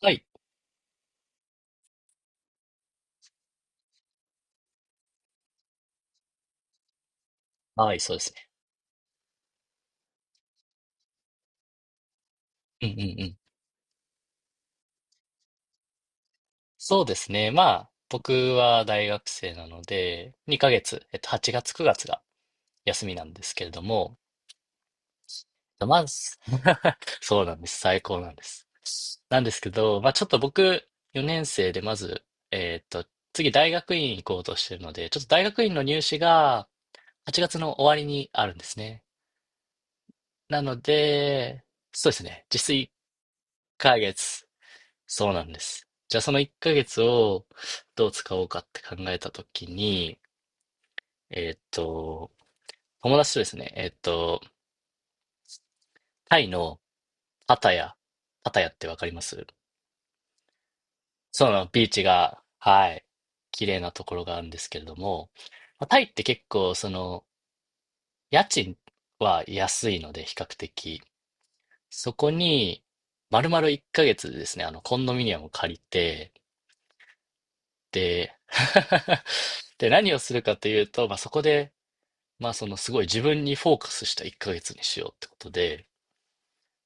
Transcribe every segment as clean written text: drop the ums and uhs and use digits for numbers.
はい。はい、そうですね。うんうんうん。そうですね。まあ、僕は大学生なので、2ヶ月、8月、9月が休みなんですけれども、まあ、そうなんです。最高なんです。なんですけど、まあ、ちょっと僕、4年生で、まず、えっと、次、大学院行こうとしてるので、ちょっと大学院の入試が8月の終わりにあるんですね。なので、そうですね。実質1ヶ月。そうなんです。じゃあその1ヶ月をどう使おうかって考えたときに、えーっと、友達とですね、タイのパタヤ、パタヤってわかります？そうなの。ビーチが、はい、綺麗なところがあるんですけれども、まあタイって結構その家賃は安いので比較的、そこに丸々1ヶ月ですね、あのコンドミニアムを借りて、で、で、何をするかというと、まあ、そこでまあ、そのすごい自分にフォーカスした1ヶ月にしようってことで、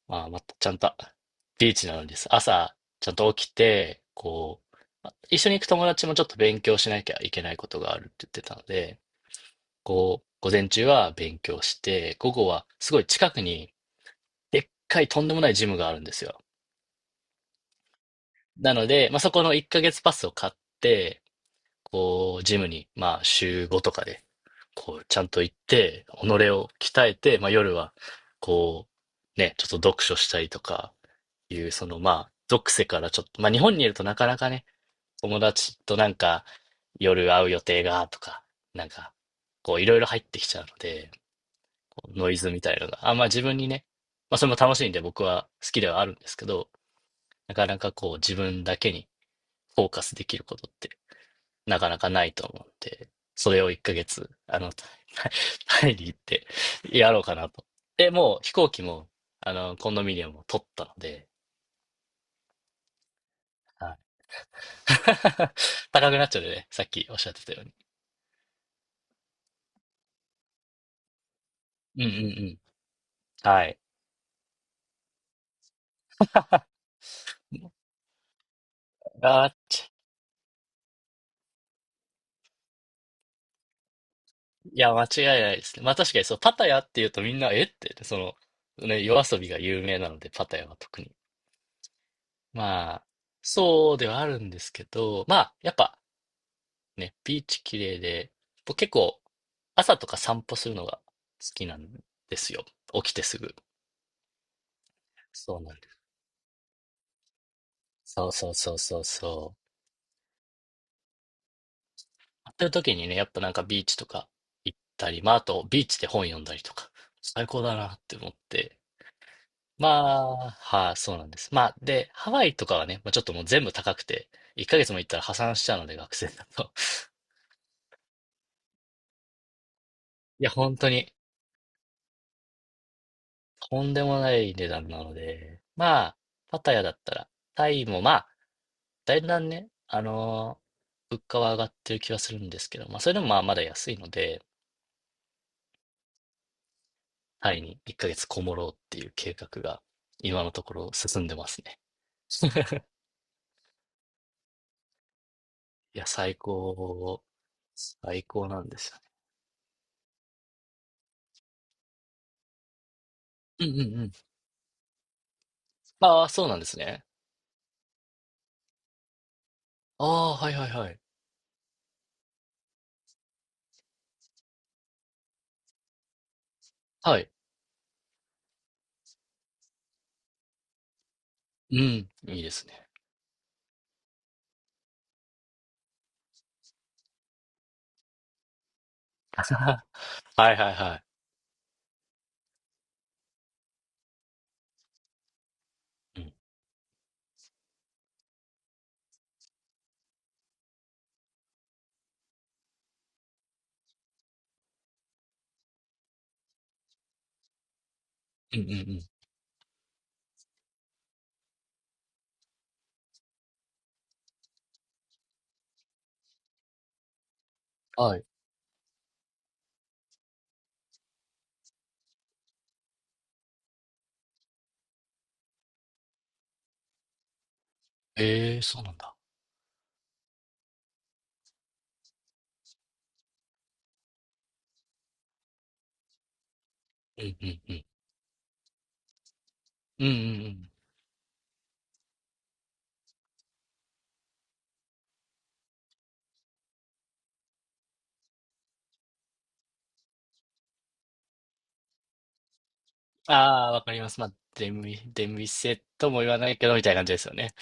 まあ、またちゃんとビーチなのにです。朝ちゃんと起きて、こう、まあ一緒に行く友達もちょっと勉強しなきゃいけないことがあるって言ってたので、こう、午前中は勉強して、午後はすごい近くにでっかいとんでもないジムがあるんですよ。なので、まあ、そこの1ヶ月パスを買って、こう、ジムに、まあ、週5とかで、こう、ちゃんと行って、己を鍛えて、まあ、夜は、こう、ね、ちょっと読書したりとか、いう、その、まあ、属性からちょっと、まあ、日本にいるとなかなかね、友達となんか、夜会う予定が、とか、なんか、こう、いろいろ入ってきちゃうので、こうノイズみたいなのが、あ、まあ、自分にね、まあ、それも楽しいんで僕は好きではあるんですけど、なかなかこう、自分だけにフォーカスできることってなかなかないと思うんで、それを1ヶ月、あの、タイタイに行ってやろうかなと。で、もう飛行機も、あの、コンドミニアムを取ったので、はい。高くなっちゃうでね、さっきおっしゃってたように。うんうんうん。はい。あ、ちいや、間違いないですね。まあ確かにそう、パタヤっていうとみんな、えって、その、ね、夜遊びが有名なので、パタヤは特に。まあ、そうではあるんですけど、まあ、やっぱ、ね、ビーチ綺麗で、僕結構朝とか散歩するのが好きなんですよ。起きてすぐ。そうなんです。そうそうそうそうそう。やってる時にね、やっぱなんかビーチとか行ったり、まああとビーチで本読んだりとか、最高だなって思って。まあ、はい、そうなんです。まあ、で、ハワイとかはね、まあ、ちょっともう全部高くて、1ヶ月も行ったら破産しちゃうので、学生だと。いや、本当に、とんでもない値段なので、まあ、パタヤだったら、タイもまあ、だんだんね、物価は上がってる気はするんですけど、まあ、それでもまあまだ安いので、タイに1ヶ月こもろうっていう計画が、今のところ進んでますね。いや、最高、最高なんですよね。うんうんうん。ああ、そうなんですね。ああ、はいはいはい。はい。うん、いいですね。はいはいはい。うん、うんうんうん。はい。ええ、そうなんだ。うんうんうんうん。うんうん。ああ、わかります。まあ、出店、出店とも言わないけど、みたいな感じですよね。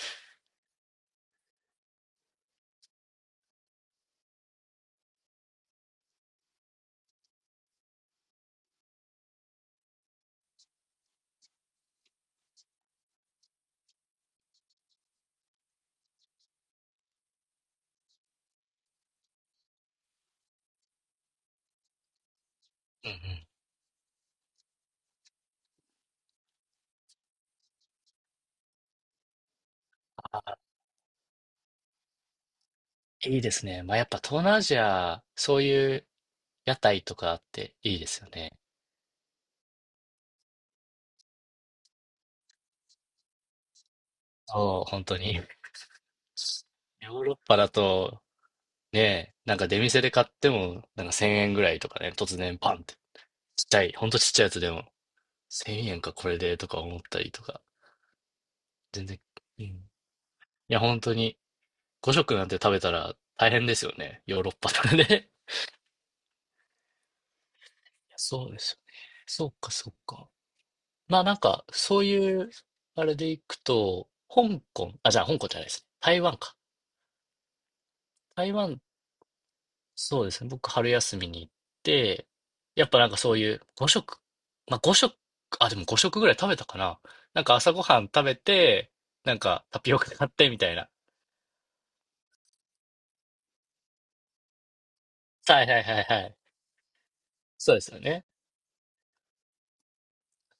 うんうん。あ、いいですね。まあ、やっぱ東南アジア、そういう屋台とかあっていいですよね。そう、本当に。ヨーロッパだと、ね、なんか出店で買っても、なんか1000円ぐらいとかね、突然パンって。ちっちゃい、ほんとちっちゃいやつでも、1000円かこれでとか思ったりとか、全然、うん。いや、本当に、5食なんて食べたら大変ですよね。ヨーロッパとかで。そうですよね。そっかそっか。まあなんか、そういう、あれでいくと、香港、あ、じゃあ香港じゃないですね。台湾か。台湾、そうですね。僕、春休みに行って、やっぱなんかそういう5食、まあ5食、あ、でも5食ぐらい食べたかな。なんか朝ごはん食べて、なんかタピオカ買ってみたいな。はいはいはいはい。そうですよね。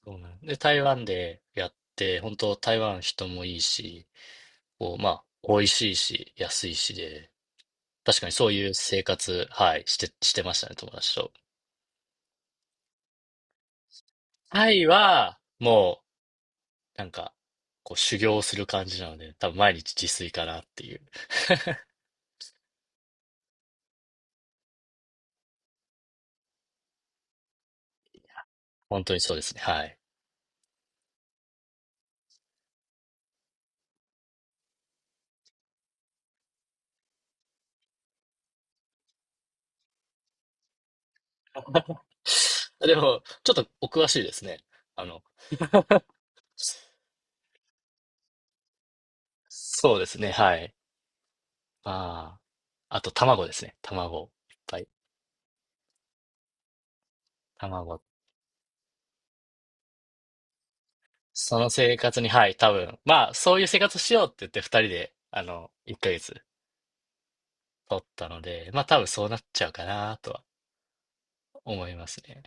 そうなんで、台湾でやって、本当台湾人もいいし、こう、まあ、美味しいし、安いしで、確かにそういう生活、はい、してましたね、友達と。タイは、もう、なんか、こう、修行する感じなので、多分毎日自炊かなっていう。本当にそうですね、はい。でも、ちょっとお詳しいですね。あの、そうですね、はい。まああ、あと卵ですね、卵。いっぱい。卵。その生活に、はい、多分、まあ、そういう生活しようって言って二人で、あの、一ヶ月取ったので、まあ多分そうなっちゃうかなとは思いますね。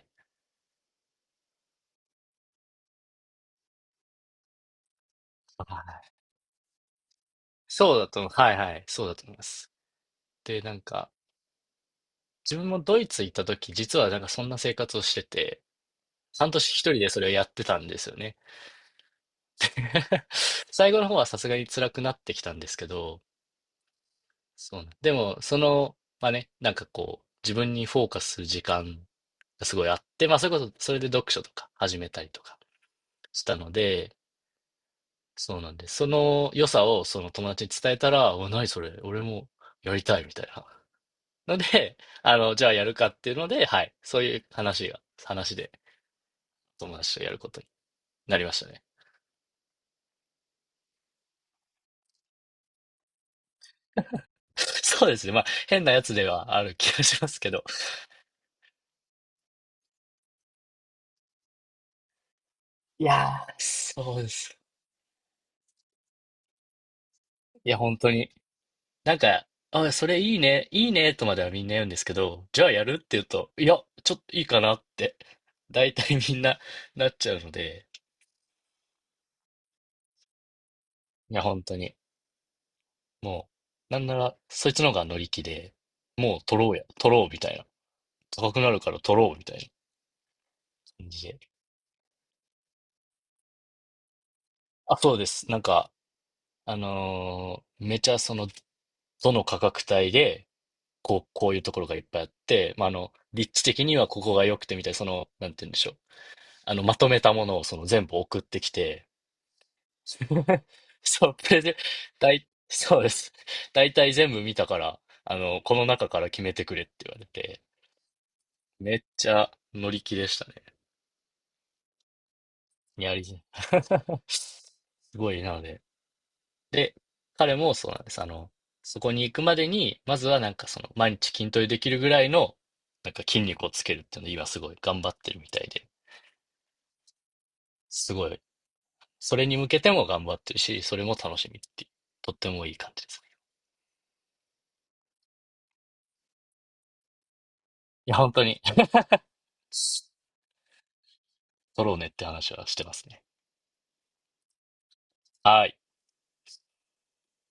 そうだと思う。はいはい。そうだと思います。で、なんか、自分もドイツ行った時、実はなんかそんな生活をしてて、半年一人でそれをやってたんですよね。最後の方はさすがに辛くなってきたんですけど、そうなん、でも、その、まあね、なんかこう、自分にフォーカスする時間がすごいあって、まあそれこそ、それで読書とか始めたりとかしたので、そうなんです。その良さをその友達に伝えたら、お、何それ、俺もやりたいみたいなので、あの、じゃあやるかっていうので、はい。そういう話で友達とやることになりましたね。そうですね。まあ、変なやつではある気がしますけど。いやー、そうです。いや、本当に。なんか、あ、それいいね、いいね、とまではみんな言うんですけど、じゃあやるって言うと、いや、ちょっといいかなって、大体みんななっちゃうので、いや、本当に。もう、なんなら、そいつの方が乗り気で、もう取ろうや、取ろうみたいな。高くなるから取ろうみたいな感じで。あ、そうです。なんか、めちゃその、どの価格帯で、こう、こういうところがいっぱいあって、まあ、あの、立地的にはここが良くてみたいな、その、なんて言うんでしょう。あの、まとめたものをその全部送ってきて、そう、プレゼン、そうです。大体全部見たから、あの、この中から決めてくれって言われて、めっちゃ乗り気でしたね。ニャリズム。すごい、なので。で、彼もそうなんです。あの、そこに行くまでに、まずはなんかその、毎日筋トレできるぐらいの、なんか筋肉をつけるっていうのを今すごい頑張ってるみたいで、すごい、それに向けても頑張ってるし、それも楽しみっていう、とってもいい感じですね。いや、本当に、取ろうねって話はしてますね。はい。